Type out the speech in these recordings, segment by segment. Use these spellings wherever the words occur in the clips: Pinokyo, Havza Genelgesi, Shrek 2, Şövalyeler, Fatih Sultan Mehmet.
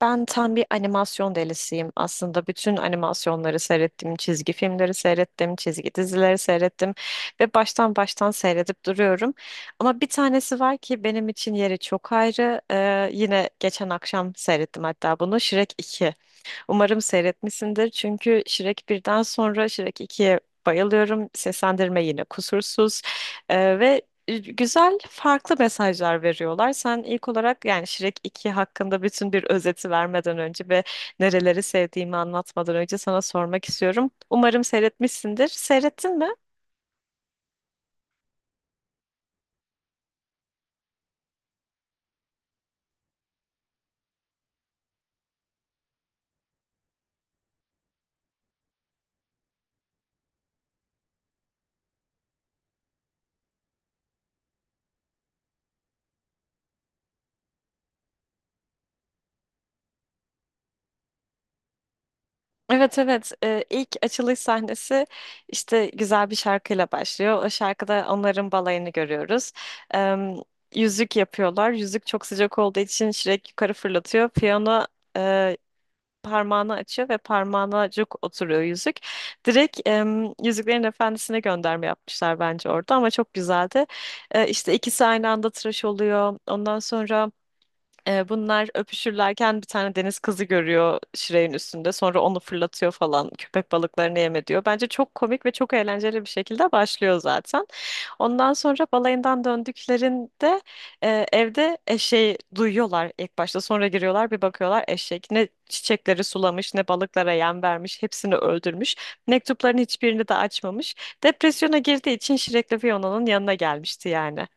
Ben tam bir animasyon delisiyim aslında. Bütün animasyonları seyrettim, çizgi filmleri seyrettim, çizgi dizileri seyrettim ve baştan seyredip duruyorum. Ama bir tanesi var ki benim için yeri çok ayrı. Yine geçen akşam seyrettim hatta bunu. Shrek iki. Umarım seyretmişsindir. Çünkü Shrek birden sonra Shrek iki'ye bayılıyorum. Seslendirme yine kusursuz. Ve güzel farklı mesajlar veriyorlar. Sen ilk olarak yani Shrek iki hakkında bütün bir özeti vermeden önce ve nereleri sevdiğimi anlatmadan önce sana sormak istiyorum. Umarım seyretmişsindir. Seyrettin mi? Evet, evet. İlk açılış sahnesi işte güzel bir şarkıyla başlıyor. O şarkıda onların balayını görüyoruz. Ee, Yüzük yapıyorlar. Yüzük çok sıcak olduğu için Şirek yukarı fırlatıyor. Piyano e, parmağını açıyor ve parmağına cuk oturuyor yüzük. Direkt Yüzüklerin Efendisi'ne gönderme yapmışlar bence orada ama çok güzeldi. İşte ikisi aynı anda tıraş oluyor. Ondan sonra bunlar öpüşürlerken bir tane deniz kızı görüyor Şirey'in üstünde. Sonra onu fırlatıyor falan. Köpek balıklarını yeme diyor. Bence çok komik ve çok eğlenceli bir şekilde başlıyor zaten. Ondan sonra balayından döndüklerinde evde eşeği duyuyorlar ilk başta. Sonra giriyorlar, bir bakıyorlar eşek ne çiçekleri sulamış ne balıklara yem vermiş, hepsini öldürmüş. Mektupların hiçbirini de açmamış. Depresyona girdiği için Şirekli Fiona'nın yanına gelmişti yani.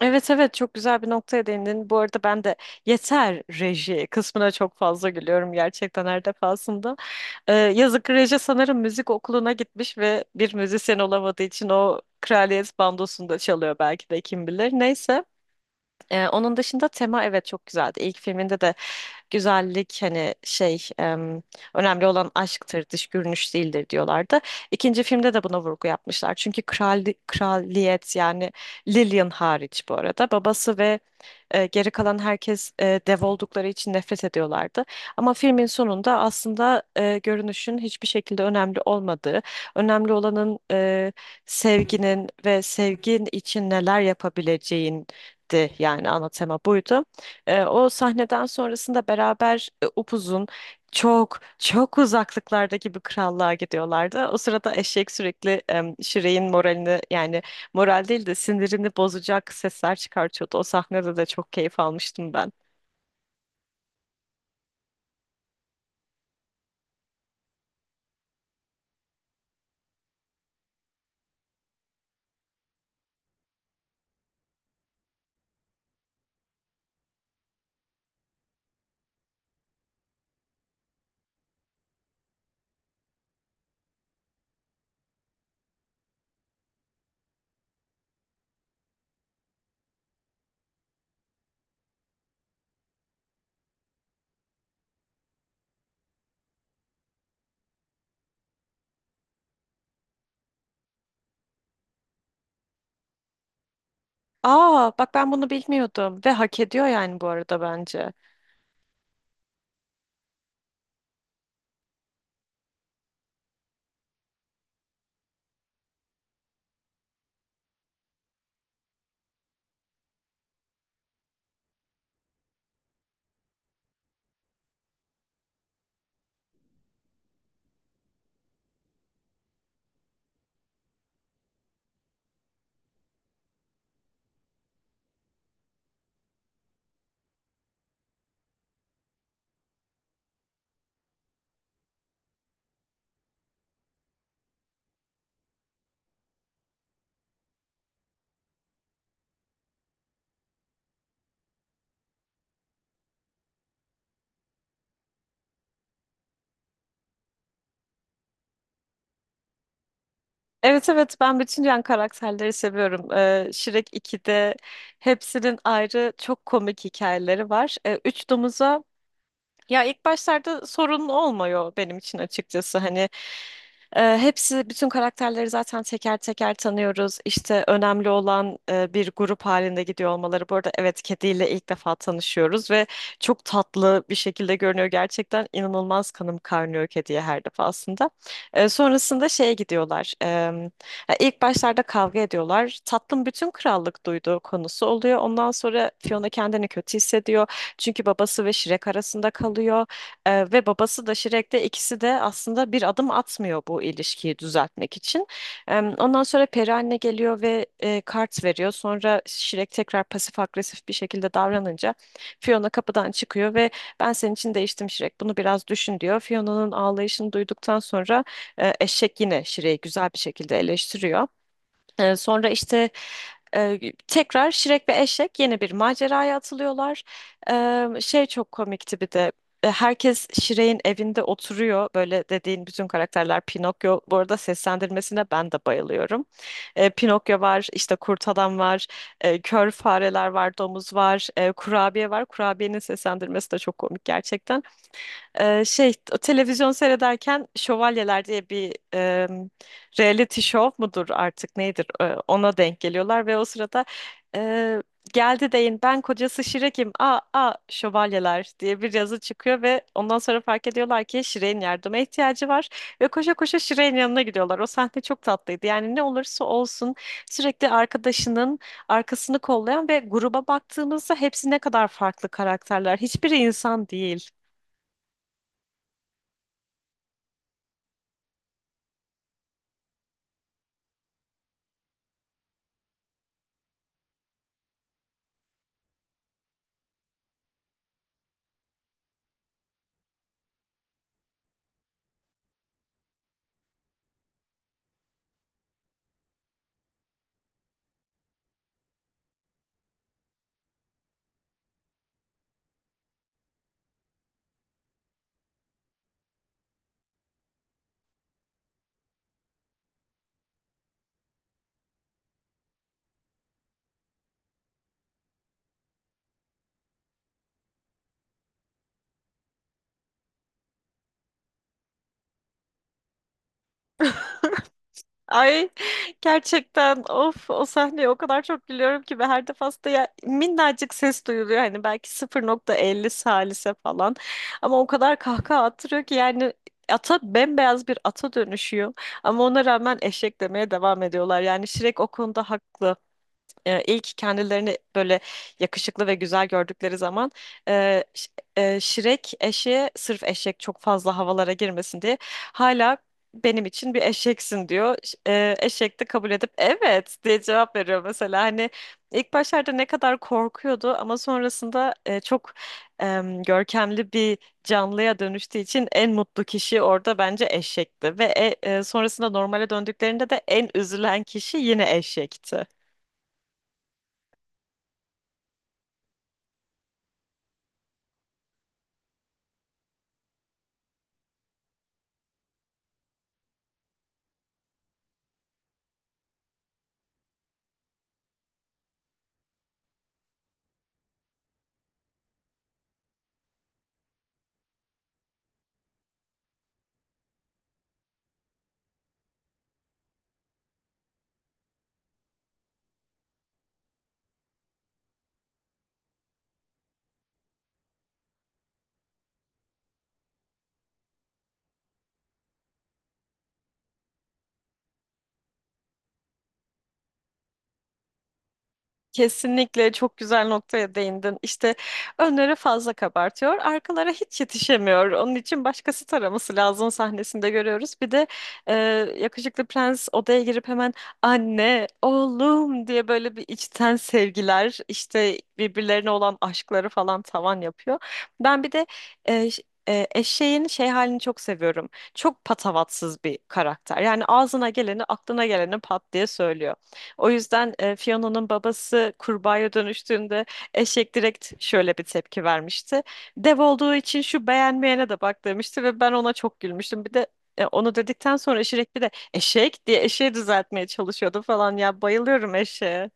Evet, evet, çok güzel bir noktaya değindin. Bu arada ben de yeter reji kısmına çok fazla gülüyorum gerçekten her defasında. Yazık reji sanırım müzik okuluna gitmiş ve bir müzisyen olamadığı için o kraliyet bandosunda çalıyor belki de, kim bilir. Neyse. Onun dışında tema evet çok güzeldi. İlk filminde de güzellik hani önemli olan aşktır, dış görünüş değildir diyorlardı. İkinci filmde de buna vurgu yapmışlar. Çünkü kral, kraliyet yani Lillian hariç bu arada, babası ve geri kalan herkes dev oldukları için nefret ediyorlardı. Ama filmin sonunda aslında görünüşün hiçbir şekilde önemli olmadığı, önemli olanın sevginin ve sevgin için neler yapabileceğin di, yani ana tema buydu. O sahneden sonrasında beraber upuzun çok çok uzaklıklardaki bir krallığa gidiyorlardı. O sırada eşek sürekli Şirey'in moralini yani moral değil de sinirini bozacak sesler çıkartıyordu. O sahnede de çok keyif almıştım ben. Aa, bak ben bunu bilmiyordum ve hak ediyor yani bu arada bence. Evet, evet, ben bütün yan karakterleri seviyorum. Shrek 2'de hepsinin ayrı çok komik hikayeleri var. 3 domuza ya ilk başlarda sorun olmuyor benim için açıkçası. Hani hepsi, bütün karakterleri zaten teker teker tanıyoruz. İşte önemli olan bir grup halinde gidiyor olmaları. Bu arada evet, kediyle ilk defa tanışıyoruz ve çok tatlı bir şekilde görünüyor. Gerçekten inanılmaz kanım kaynıyor kediye her defasında. Sonrasında şeye gidiyorlar. Ya ilk başlarda kavga ediyorlar. Tatlım, bütün krallık duyduğu konusu oluyor. Ondan sonra Fiona kendini kötü hissediyor. Çünkü babası ve Shrek arasında kalıyor. Ve babası da Shrek de ikisi de aslında bir adım atmıyor bu ilişkiyi düzeltmek için. Ondan sonra peri anne geliyor ve kart veriyor. Sonra Shrek tekrar pasif agresif bir şekilde davranınca Fiona kapıdan çıkıyor ve ben senin için değiştim Shrek. Bunu biraz düşün diyor. Fiona'nın ağlayışını duyduktan sonra eşek yine Shrek'i güzel bir şekilde eleştiriyor. Sonra işte e, tekrar Şirek ve Eşek yeni bir maceraya atılıyorlar. Şey çok komikti bir de. Herkes Şirek'in evinde oturuyor. Böyle dediğin bütün karakterler, Pinokyo. Bu arada seslendirmesine ben de bayılıyorum. Pinokyo var, işte kurt adam var, kör fareler var, domuz var, kurabiye var. Kurabiyenin seslendirmesi de çok komik gerçekten. Şey, o televizyon seyrederken Şövalyeler diye bir reality show mudur artık nedir, ona denk geliyorlar ve o sırada e, geldi deyin ben kocası Şirek'im, aa Şövalyeler diye bir yazı çıkıyor ve ondan sonra fark ediyorlar ki Şirek'in yardıma ihtiyacı var ve koşa koşa Şirek'in yanına gidiyorlar. O sahne çok tatlıydı, yani ne olursa olsun sürekli arkadaşının arkasını kollayan ve gruba baktığımızda hepsi ne kadar farklı karakterler, hiçbiri insan değil. Ay, gerçekten of, o sahneye o kadar çok gülüyorum ki, ve her defasında ya minnacık ses duyuluyor hani belki 0.50 salise falan ama o kadar kahkaha attırıyor ki yani ata, bembeyaz bir ata dönüşüyor ama ona rağmen eşek demeye devam ediyorlar, yani Shrek o konuda haklı. İlk kendilerini böyle yakışıklı ve güzel gördükleri zaman e, ş- Şirek eşeğe sırf eşek çok fazla havalara girmesin diye hala benim için bir eşeksin diyor. Eşek de kabul edip evet diye cevap veriyor mesela. Hani ilk başlarda ne kadar korkuyordu ama sonrasında çok görkemli bir canlıya dönüştüğü için en mutlu kişi orada bence eşekti ve sonrasında normale döndüklerinde de en üzülen kişi yine eşekti. Kesinlikle çok güzel noktaya değindin. İşte önleri fazla kabartıyor, arkalara hiç yetişemiyor. Onun için başkası taraması lazım sahnesinde görüyoruz. Bir de e, yakışıklı prens odaya girip hemen anne, oğlum diye böyle bir içten sevgiler, işte birbirlerine olan aşkları falan tavan yapıyor. Ben bir de e, ş- eşeğin şey halini çok seviyorum. Çok patavatsız bir karakter. Yani ağzına geleni, aklına geleni pat diye söylüyor. O yüzden Fiona'nın babası kurbağaya dönüştüğünde eşek direkt şöyle bir tepki vermişti. Dev olduğu için şu beğenmeyene de bak demişti ve ben ona çok gülmüştüm. Bir de onu dedikten sonra Şirek bir de eşek diye eşeği düzeltmeye çalışıyordu falan, ya bayılıyorum eşeğe.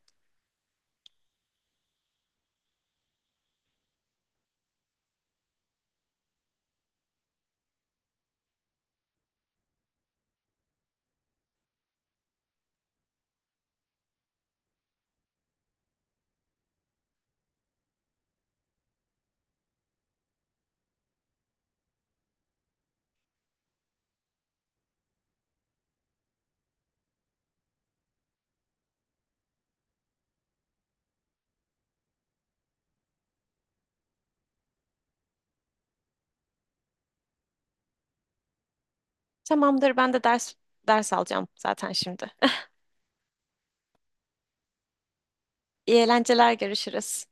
Tamamdır, ben de ders alacağım zaten şimdi. İyi eğlenceler, görüşürüz.